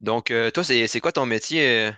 Donc, toi, c'est quoi ton métier?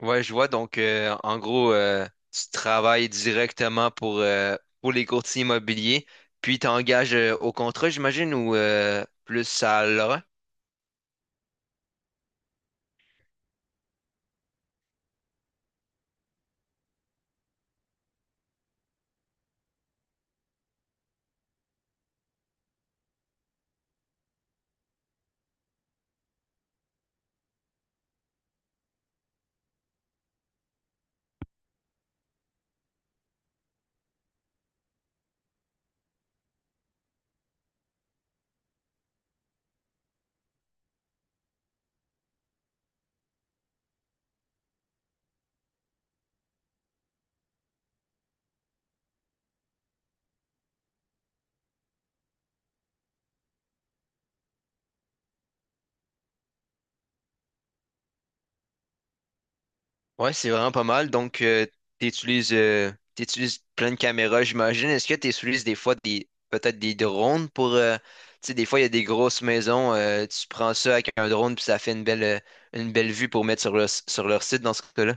Ouais, je vois. Donc, en gros, tu travailles directement pour pour les courtiers immobiliers, puis t'engages au contrat, j'imagine, ou plus à l'heure? Ouais, c'est vraiment pas mal. Donc, t'utilises, euh, t'utilises plein de caméras, j'imagine. Est-ce que t'utilises des fois des, peut-être des drones pour, tu sais, des fois, il y a des grosses maisons, tu prends ça avec un drone, puis ça fait une belle vue pour mettre sur sur leur site dans ce cas-là?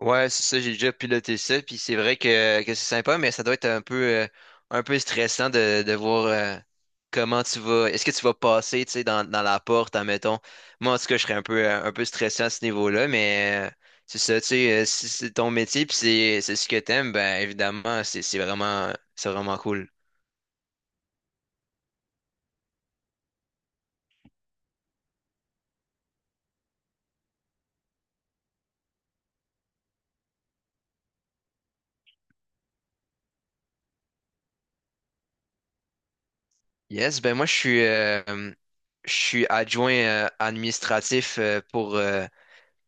Ouais, c'est ça, j'ai déjà piloté ça, puis c'est vrai que c'est sympa, mais ça doit être un peu stressant de voir comment tu vas. Est-ce que tu vas passer, tu sais, dans la porte, admettons. Moi, en tout cas, je serais un peu stressé à ce niveau-là, mais c'est ça, tu sais, si c'est ton métier, puis c'est ce que t'aimes, ben évidemment, c'est vraiment cool. Yes, ben moi, je suis adjoint administratif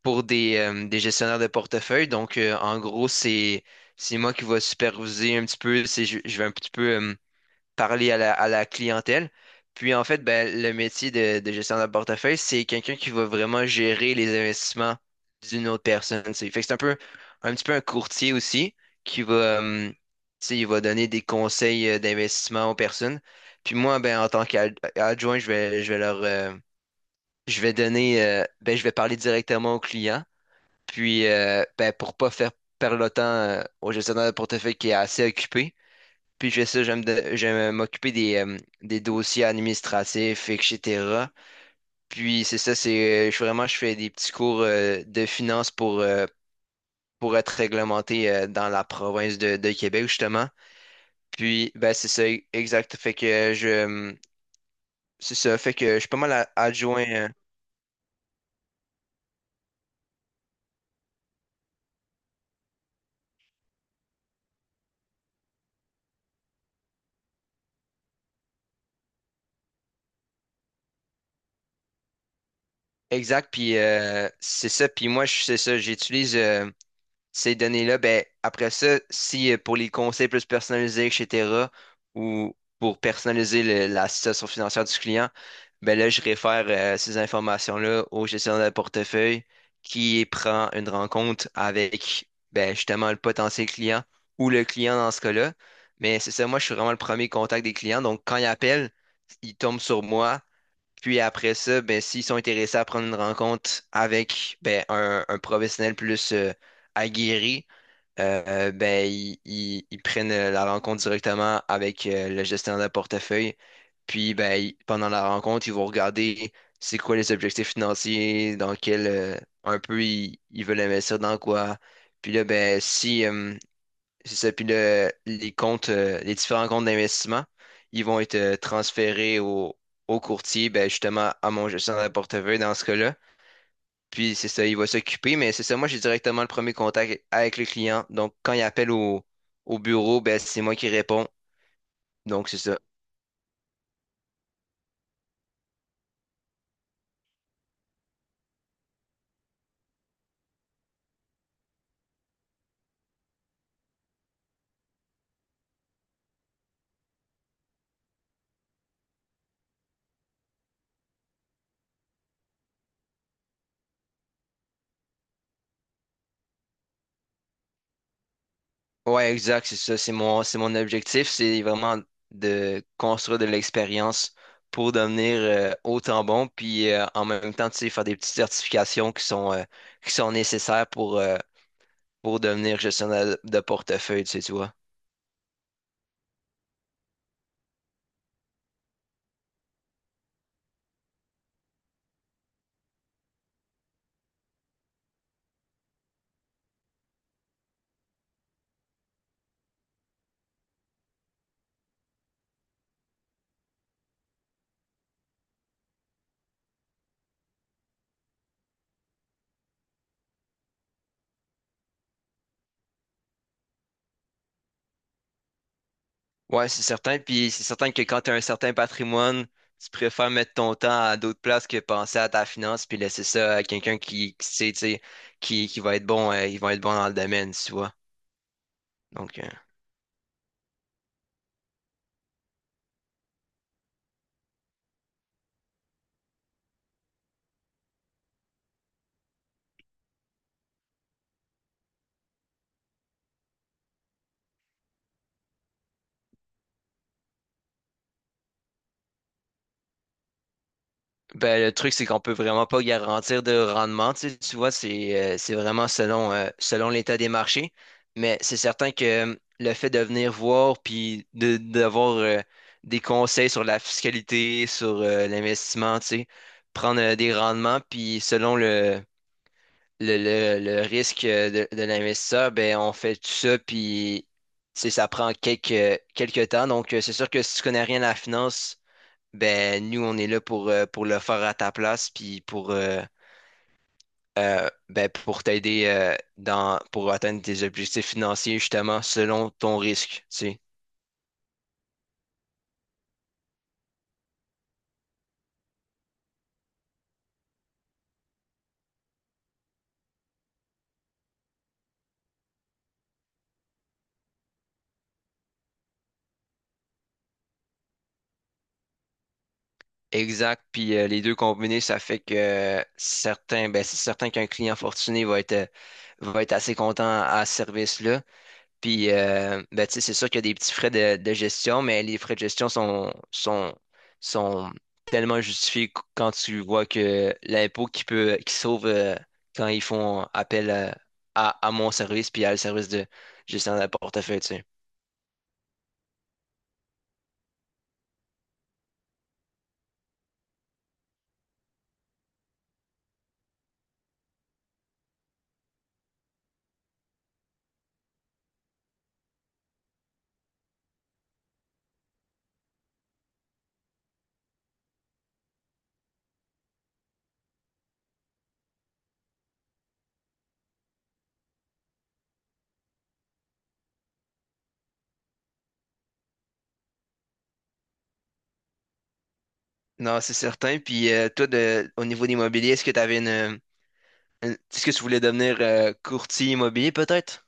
pour des gestionnaires de portefeuille. Donc, en gros, c'est moi qui vais superviser un petit peu, je vais un petit peu parler à à la clientèle. Puis, en fait, ben, le métier de gestionnaire de portefeuille, c'est quelqu'un qui va vraiment gérer les investissements d'une autre personne. C'est, fait que c'est un peu, un petit peu un courtier aussi qui va, tu sais, il va donner des conseils d'investissement aux personnes. Puis moi, ben, en tant qu'adjoint, je vais leur, je vais donner, ben, je vais parler directement aux clients puis, ben, pour pas faire perdre le temps au gestionnaire de portefeuille qui est assez occupé. Puis, je fais ça, j'aime m'occuper des dossiers administratifs, et cetera. Puis, c'est ça, vraiment, je fais des petits cours de finance pour être réglementé dans la province de Québec, justement. Puis, ben, c'est ça, exact. Fait que je. C'est ça, fait que je suis pas mal adjoint. Exact, puis c'est ça, c'est ça, j'utilise. Ces données-là, ben, après ça, si pour les conseils plus personnalisés, etc., ou pour personnaliser la situation financière du client, ben là, je réfère ces informations-là au gestionnaire de portefeuille qui prend une rencontre avec ben, justement le potentiel client ou le client dans ce cas-là. Mais c'est ça, moi, je suis vraiment le premier contact des clients. Donc, quand ils appellent, ils tombent sur moi. Puis après ça, ben, s'ils sont intéressés à prendre une rencontre avec ben, un professionnel plus aguerri, ben, ils prennent la rencontre directement avec le gestionnaire de portefeuille. Puis ben, pendant la rencontre, ils vont regarder c'est quoi les objectifs financiers, dans quel un peu ils, ils veulent investir dans quoi. Puis là, ben, si, c'est ça. Les comptes, les différents comptes d'investissement, ils vont être transférés au, au courtier, ben, justement, à mon gestionnaire de portefeuille dans ce cas-là. Puis c'est ça, il va s'occuper, mais c'est ça, moi j'ai directement le premier contact avec le client. Donc quand il appelle au, au bureau, ben, c'est moi qui réponds. Donc c'est ça. Ouais, exact, c'est ça. C'est mon objectif, c'est vraiment de construire de l'expérience pour devenir autant bon, puis en même temps, tu sais, faire des petites certifications qui sont nécessaires pour devenir gestionnaire de portefeuille, tu sais, tu vois. Ouais, c'est certain. Puis c'est certain que quand tu as un certain patrimoine, tu préfères mettre ton temps à d'autres places que penser à ta finance puis laisser ça à quelqu'un qui sait, tu sais, qui va être bon, ils vont être bons dans le domaine, tu vois. Donc, euh, Ben, le truc, c'est qu'on peut vraiment pas garantir de rendement. Tu sais, tu vois, c'est vraiment selon, selon l'état des marchés. Mais c'est certain que le fait de venir voir puis d'avoir des conseils sur la fiscalité, sur l'investissement, tu sais, prendre des rendements, puis selon le risque de l'investisseur, ben, on fait tout ça, puis tu sais, ça prend quelques, quelques temps. Donc, c'est sûr que si tu connais rien à la finance, ben nous, on est là pour le faire à ta place, puis pour, ben, pour t'aider dans pour atteindre tes objectifs financiers, justement, selon ton risque, tu sais. Exact. Puis les deux combinés, ça fait que ben, c'est certain qu'un client fortuné va être assez content à ce service-là. Puis, ben, tu sais, c'est sûr qu'il y a des petits frais de gestion, mais les frais de gestion sont tellement justifiés quand tu vois que l'impôt qui peut, qui sauve quand ils font appel à mon service puis à le service de gestion de portefeuille, tu sais. Non, c'est certain. Puis, au niveau de l'immobilier, est-ce que tu avais est-ce que tu voulais devenir courtier immobilier, peut-être?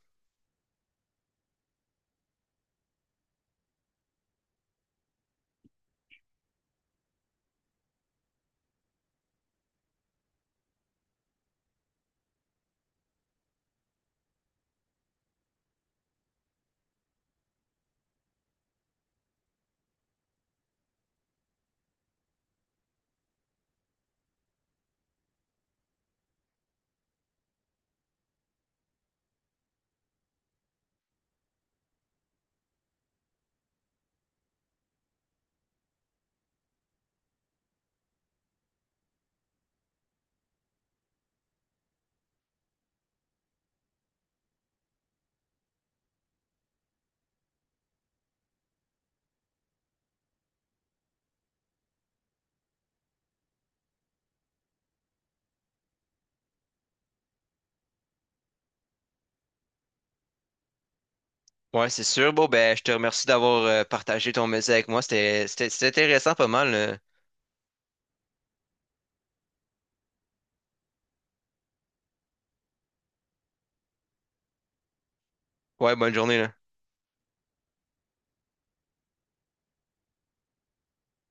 Ouais, c'est sûr. Bon, ben, je te remercie d'avoir partagé ton métier avec moi. C'était intéressant, pas mal. Ouais, bonne journée, là.